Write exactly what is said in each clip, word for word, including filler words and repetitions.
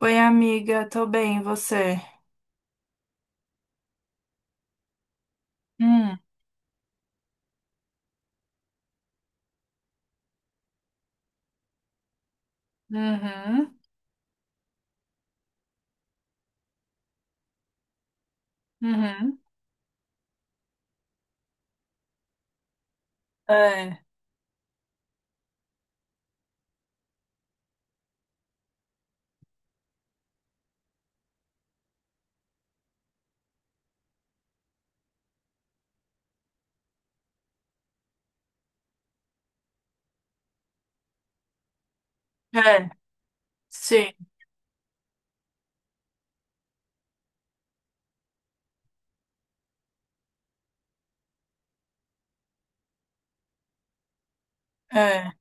Oi, amiga, tô bem, e você? Hum, uhum, uhum, É, é, sim, é.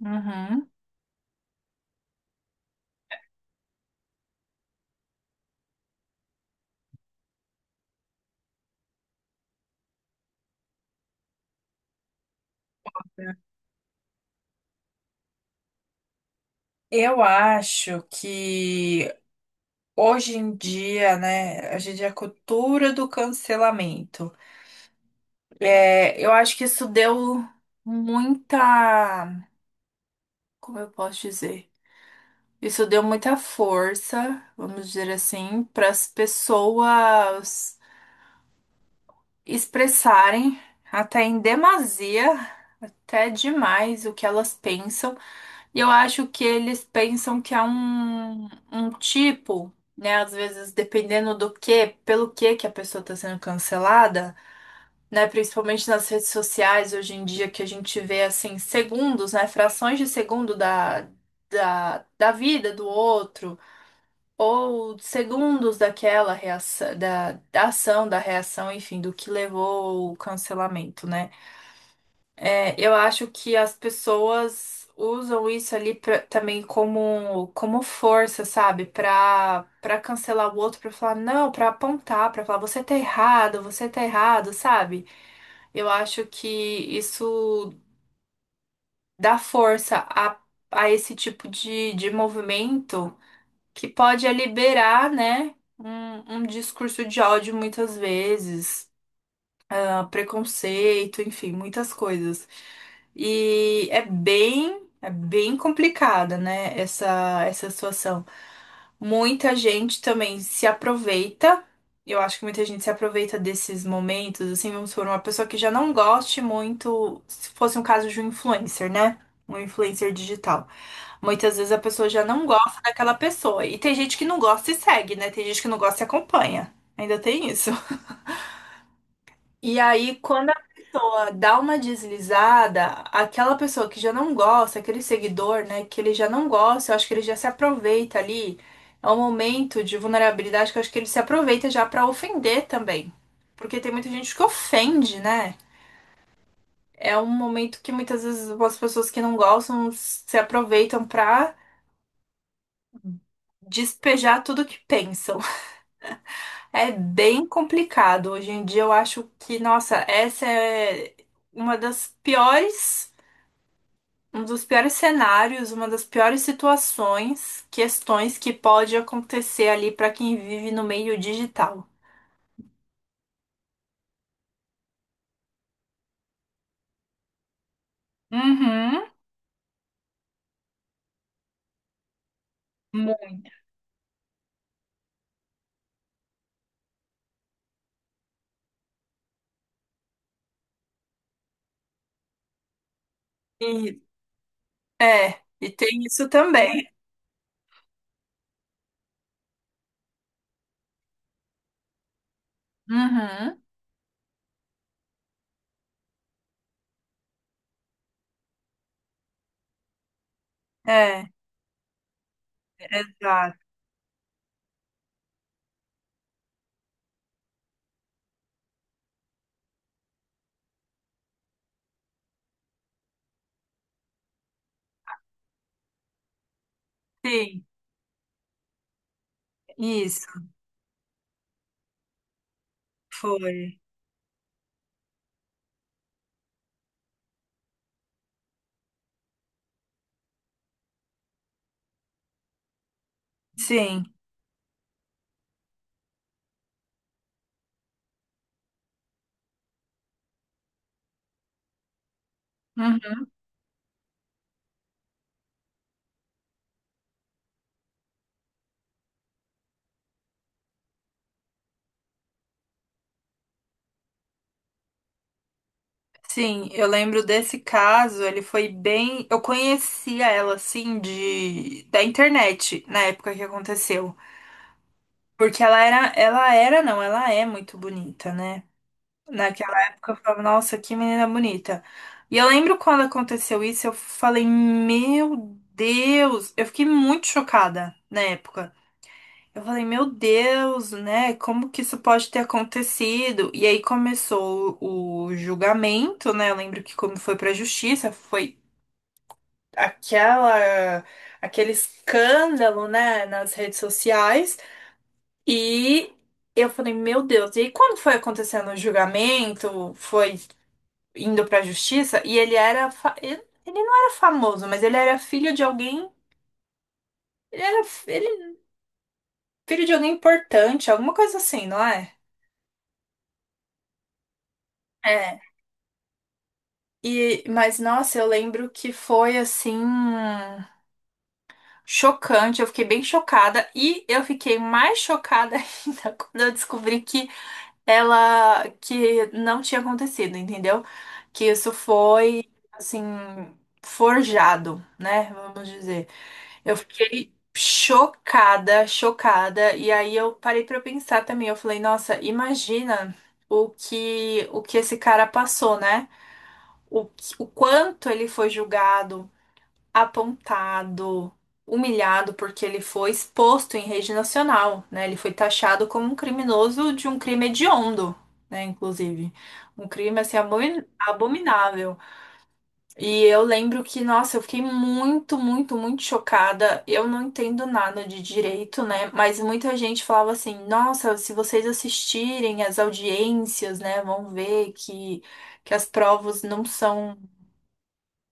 uhum. Eu acho que hoje em dia, né, a gente é a cultura do cancelamento. É, eu acho que isso deu muita, como eu posso dizer? Isso deu muita força, vamos dizer assim, para as pessoas. Expressarem até em demasia, até demais o que elas pensam. E eu acho que eles pensam que é um, um tipo, né? Às vezes, dependendo do que, pelo que que a pessoa está sendo cancelada, né? Principalmente nas redes sociais hoje em dia, que a gente vê assim, segundos, né? Frações de segundo da, da, da vida do outro ou segundos daquela reação, da, da ação, da reação, enfim, do que levou o cancelamento, né? É, eu acho que as pessoas usam isso ali pra- também como, como força, sabe? Pra, pra cancelar o outro, pra falar não, pra apontar, pra falar você tá errado, você tá errado, sabe? Eu acho que isso dá força a, a esse tipo de, de movimento. Que pode é liberar, né, um, um discurso de ódio muitas vezes, ah, preconceito, enfim, muitas coisas. E é bem, é bem complicada, né, essa, essa situação. Muita gente também se aproveita. Eu acho que muita gente se aproveita desses momentos, assim, vamos supor, uma pessoa que já não goste muito, se fosse um caso de um influencer, né? Um influencer digital. Muitas vezes a pessoa já não gosta daquela pessoa. E tem gente que não gosta e segue, né? Tem gente que não gosta e acompanha. Ainda tem isso. E aí, quando a pessoa dá uma deslizada, aquela pessoa que já não gosta, aquele seguidor, né, que ele já não gosta, eu acho que ele já se aproveita ali. É um momento de vulnerabilidade que eu acho que ele se aproveita já pra ofender também. Porque tem muita gente que ofende, né? É um momento que muitas vezes as pessoas que não gostam se aproveitam pra despejar tudo que pensam. É bem complicado. Hoje em dia eu acho que, nossa, essa é uma das piores um dos piores cenários, uma das piores situações, questões que pode acontecer ali para quem vive no meio digital. Uhum. Mu- E, é, e tem isso também. Uhum. É, exato. Sim, isso foi. Sim. Uhum. Sim, eu lembro desse caso, ele foi bem. Eu conhecia ela assim de da internet na época que aconteceu. Porque ela era, ela era, não, ela é muito bonita, né? Naquela época eu falava, nossa, que menina bonita. E eu lembro quando aconteceu isso, eu falei, meu Deus, eu fiquei muito chocada na época. Eu falei, meu Deus, né? Como que isso pode ter acontecido? E aí começou o julgamento, né? Eu lembro que como foi pra justiça, foi aquela aquele escândalo, né, nas redes sociais. E eu falei, meu Deus, e aí quando foi acontecendo o julgamento, foi indo pra justiça e ele era. fa- Ele ele não era famoso, mas ele era filho de alguém. Ele era fi- ele- Filho de alguém importante, alguma coisa assim, não é? É. E, mas nossa, eu lembro que foi assim chocante, eu fiquei bem chocada e eu fiquei mais chocada ainda quando eu descobri que ela que não tinha acontecido, entendeu? Que isso foi assim forjado, né? Vamos dizer. Eu fiquei chocada, chocada. E aí eu parei pra eu pensar também. Eu falei, nossa, imagina o que o que esse cara passou, né? O, que- o quanto ele foi julgado, apontado, humilhado, porque ele foi exposto em rede nacional, né? Ele foi taxado como um criminoso de um crime hediondo, né? Inclusive, um crime assim abomin- abominável. E eu lembro que, nossa, eu fiquei muito, muito, muito chocada. Eu não entendo nada de direito, né? Mas muita gente falava assim: nossa, se vocês assistirem as audiências, né, vão ver que, que as provas não são,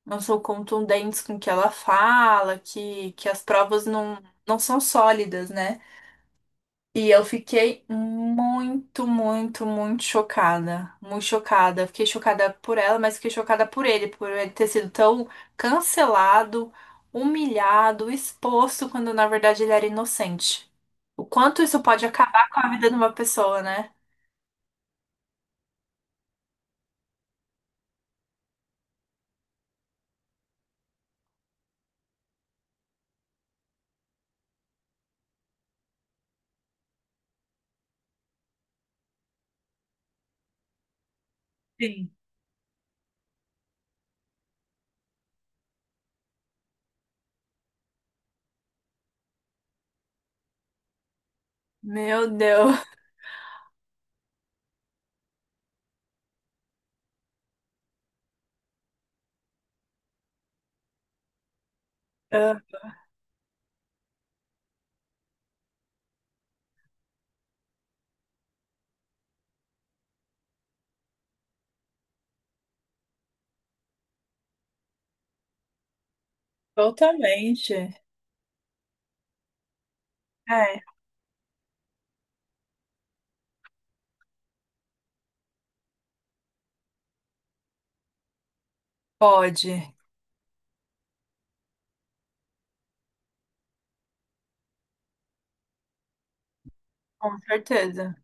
não são contundentes com o que ela fala, que, que as provas não, não são sólidas, né? E eu fiquei muito, muito, muito chocada. Muito chocada. Fiquei chocada por ela, mas fiquei chocada por ele, por ele ter sido tão cancelado, humilhado, exposto, quando na verdade ele era inocente. O quanto isso pode acabar com a vida de uma pessoa, né? Sim, meu Deus. Ah, totalmente. É, pode. Com certeza.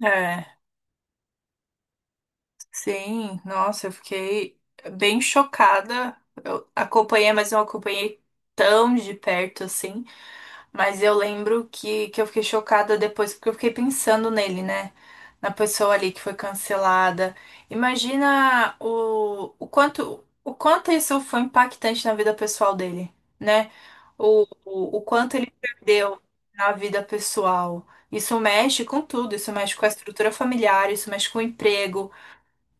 É. Sim, nossa, eu fiquei bem chocada. Eu acompanhei, mas não acompanhei tão de perto assim. Mas eu lembro que, que eu fiquei chocada depois, porque eu fiquei pensando nele, né? Na pessoa ali que foi cancelada. Imagina o, o quanto, o quanto isso foi impactante na vida pessoal dele, né? O, o, o quanto ele perdeu na vida pessoal. Isso mexe com tudo, isso mexe com a estrutura familiar, isso mexe com o emprego.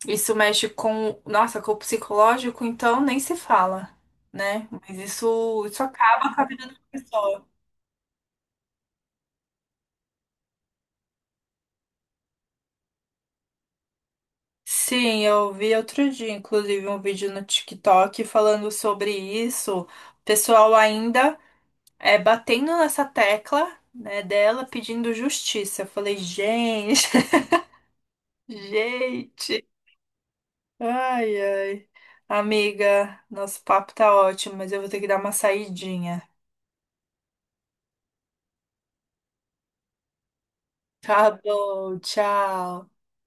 Isso mexe com, nossa, com o psicológico, então nem se fala, né? Mas isso, isso acaba com a vida da pessoa. Sim, eu vi outro dia, inclusive, um vídeo no TikTok falando sobre isso. O pessoal ainda é batendo nessa tecla, né, dela pedindo justiça. Eu falei, gente, gente. Ai, ai. Amiga, nosso papo tá ótimo, mas eu vou ter que dar uma saidinha. Tá bom, tchau.